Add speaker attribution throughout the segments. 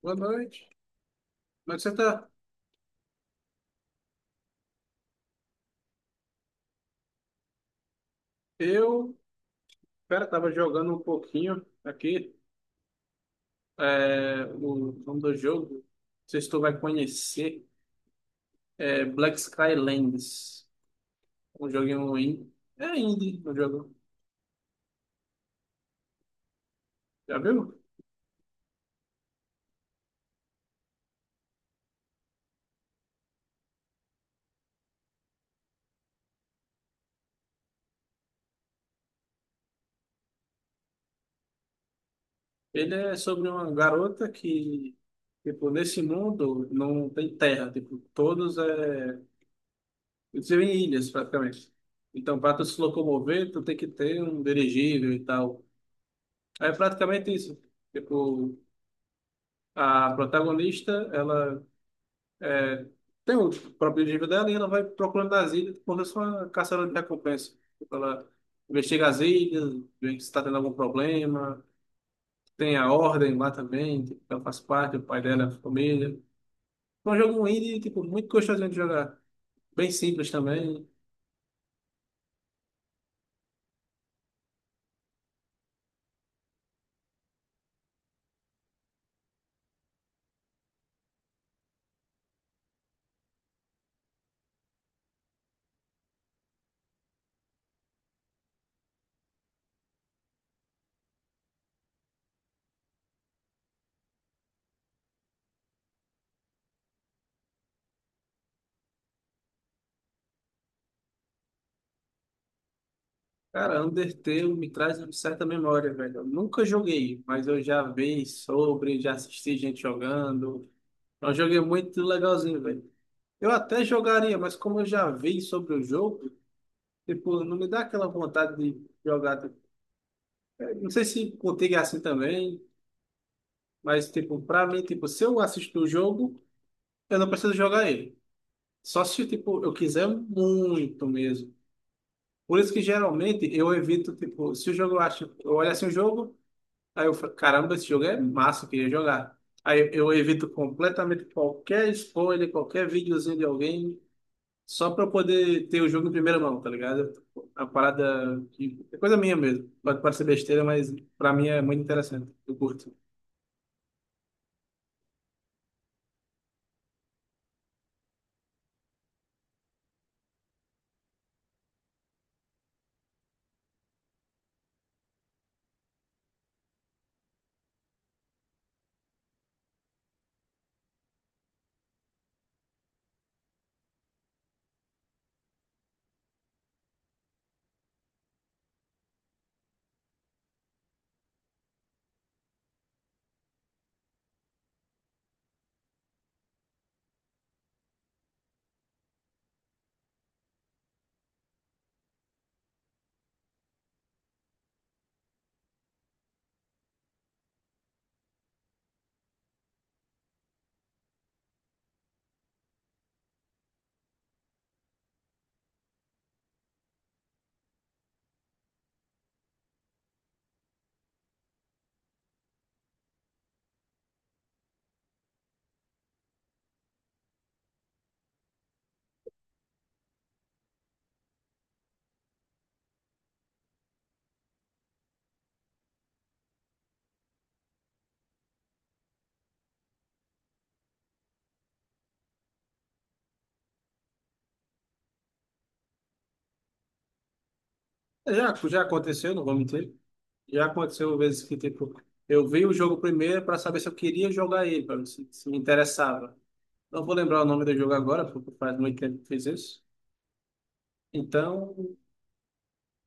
Speaker 1: Boa noite. Como é que você tá? Eu, cara, tava jogando um pouquinho aqui, o nome do jogo, não sei se tu vai conhecer, é Black Skylands, um joguinho indie, é indie o jogo, já viu? Ele é sobre uma garota que, tipo, nesse mundo não tem terra, tipo, eles vivem em ilhas praticamente. Então, para tu se locomover, tu tem que ter um dirigível e tal. É praticamente isso, tipo. A protagonista, ela é, tem o próprio objetivo dela e ela vai procurando as ilhas quando é só caçadora de recompensa. Ela investiga as ilhas, vê se está tendo algum problema. Tem a Ordem lá também, que ela faz parte, o pai dela, a família. É um jogo indie, tipo, muito gostosinho de jogar. Bem simples também. Cara, Undertale me traz uma certa memória, velho. Eu nunca joguei, mas eu já vi sobre, já assisti gente jogando. É um jogo muito legalzinho, velho. Eu até jogaria, mas como eu já vi sobre o jogo, tipo, não me dá aquela vontade de jogar. Tipo, não sei se contigo é assim também, mas tipo, pra mim, tipo, se eu assisto o jogo, eu não preciso jogar ele. Só se tipo, eu quiser muito mesmo. Por isso que geralmente eu evito, tipo, se o jogo eu acho, eu olho assim o jogo, aí eu falo, caramba, esse jogo é massa, eu queria jogar. Aí eu evito completamente qualquer spoiler, qualquer videozinho de alguém. Só pra eu poder ter o jogo em primeira mão, tá ligado? A parada que é coisa minha mesmo. Pode parecer besteira, mas pra mim é muito interessante. Eu curto. É, já, já aconteceu, não vou mentir. Já aconteceu vezes que tipo, eu vi o jogo primeiro pra saber se eu queria jogar ele, pra ver se, se me interessava. Não vou lembrar o nome do jogo agora, porque faz muito tempo que fiz isso. Então,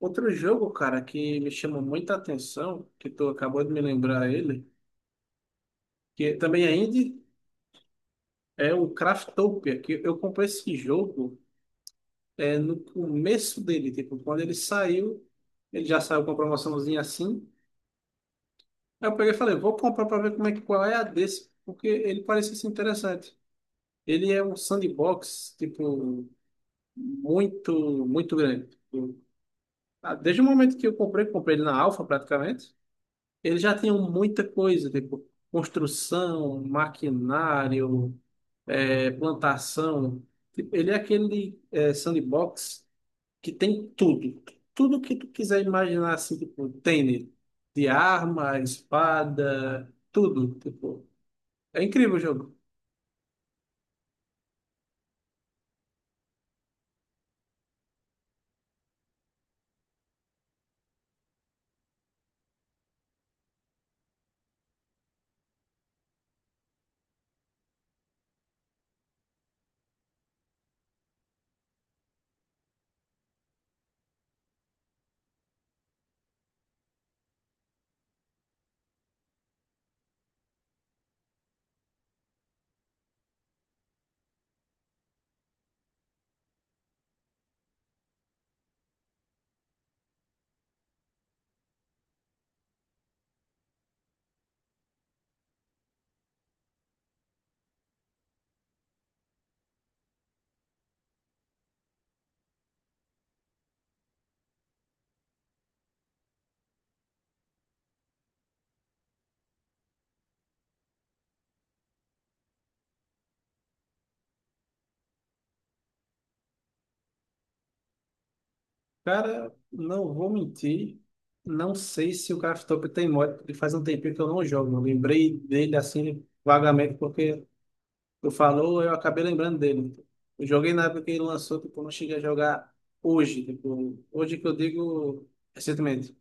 Speaker 1: outro jogo, cara, que me chama muita atenção, que tu acabou de me lembrar ele, que também é indie, é o Craftopia, que eu comprei esse jogo. No começo dele, tipo, quando ele saiu, ele já saiu com uma promoçãozinha assim. Aí eu peguei e falei, vou comprar para ver como é que qual é a desse, porque ele parecia ser interessante. Ele é um sandbox, tipo, muito, muito grande. Tipo, desde o momento que eu comprei, comprei ele na Alpha praticamente, ele já tinha muita coisa, tipo, construção, maquinário, plantação. Tipo, ele é aquele sandbox que tem tudo. Tudo que tu quiser imaginar, assim, tipo, tem nele. De arma, espada, tudo, tipo. É incrível o jogo. Cara, não vou mentir. Não sei se o Craftopia tem mod, porque faz um tempinho que eu não jogo. Eu lembrei dele, assim, vagamente, porque tu falou, eu acabei lembrando dele. Eu joguei na época que ele lançou, tipo, eu não cheguei a jogar hoje, tipo, hoje que eu digo recentemente.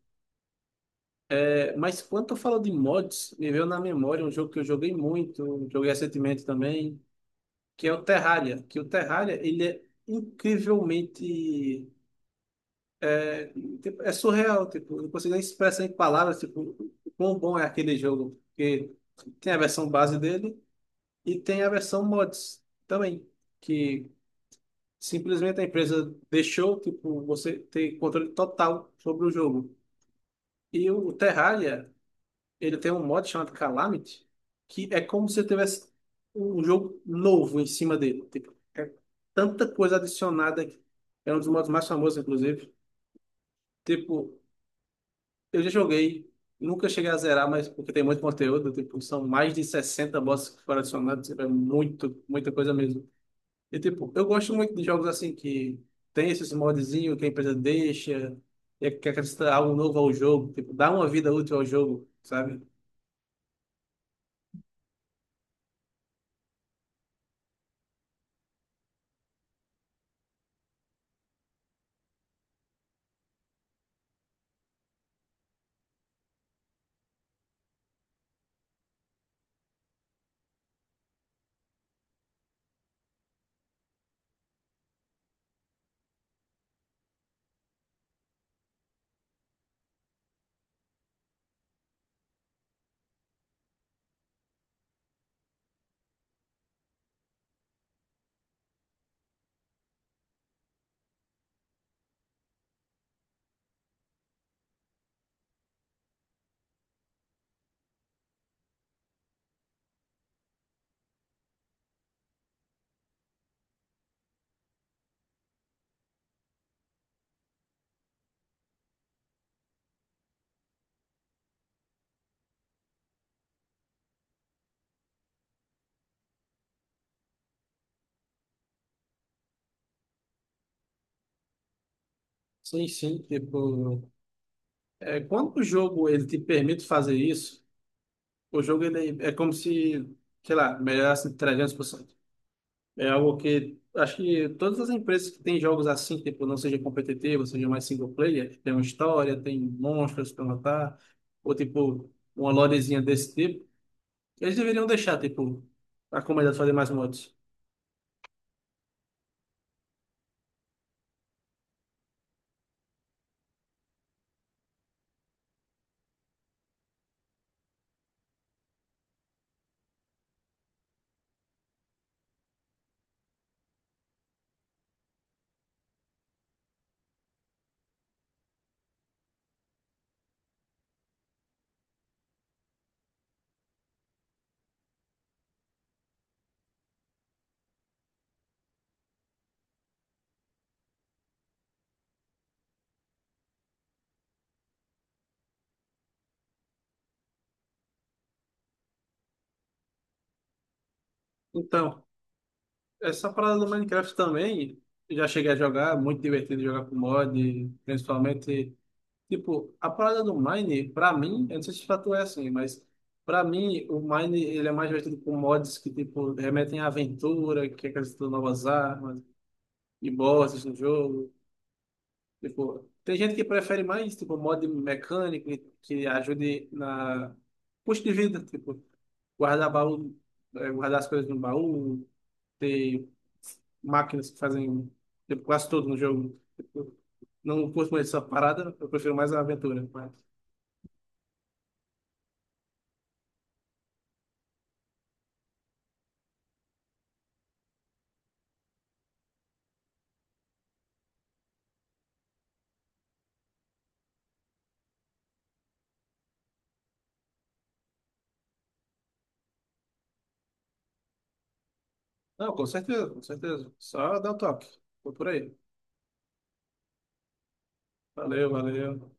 Speaker 1: Mas quando tu falou de mods, me veio na memória um jogo que eu joguei muito, joguei recentemente também, que é o Terraria. Que o Terraria, ele é incrivelmente. É, tipo, é surreal, tipo, eu não consigo nem expressar em palavras, tipo, o quão bom é aquele jogo. Porque tem a versão base dele e tem a versão mods também, que simplesmente a empresa deixou, tipo, você ter controle total sobre o jogo. E o Terraria. Ele tem um modo chamado Calamity, que é como se tivesse um jogo novo em cima dele. Tipo, é tanta coisa adicionada que é um dos modos mais famosos, inclusive. Tipo, eu já joguei, nunca cheguei a zerar, mas porque tem muito conteúdo, tipo, são mais de 60 bosses que foram adicionados, tipo, é muito, muita coisa mesmo. E tipo, eu gosto muito de jogos assim que tem esses modzinhos que a empresa deixa, e é que acrescenta algo novo ao jogo, tipo, dá uma vida útil ao jogo, sabe? Sim, sim, tipo. É, quando o jogo ele te permite fazer isso, o jogo ele é como se, sei lá, melhorasse 300%. É algo que acho que todas as empresas que têm jogos assim, tipo, não seja competitivo, seja mais single player, que tem uma história, tem monstros para matar, ou tipo, uma lorezinha desse tipo, eles deveriam deixar, tipo, a comunidade fazer mais mods. Então, essa parada do Minecraft também, eu já cheguei a jogar, muito divertido jogar com mod, principalmente. Tipo, a parada do Mine, pra mim, eu não sei se pra tu é assim, mas pra mim, o Mine, ele é mais divertido com mods que, tipo, remetem à aventura, que acrescentam novas armas e bosses no jogo. Tipo, tem gente que prefere mais, tipo, mod mecânico que ajude na custo de vida, tipo, guardar baú, guardar as coisas no baú, ter máquinas que fazem, tipo, quase tudo no jogo. Tipo, não curto mais essa parada, eu prefiro mais a aventura. Mas. Não, com certeza, com certeza. Só dá o toque. Tô por aí. Valeu, valeu.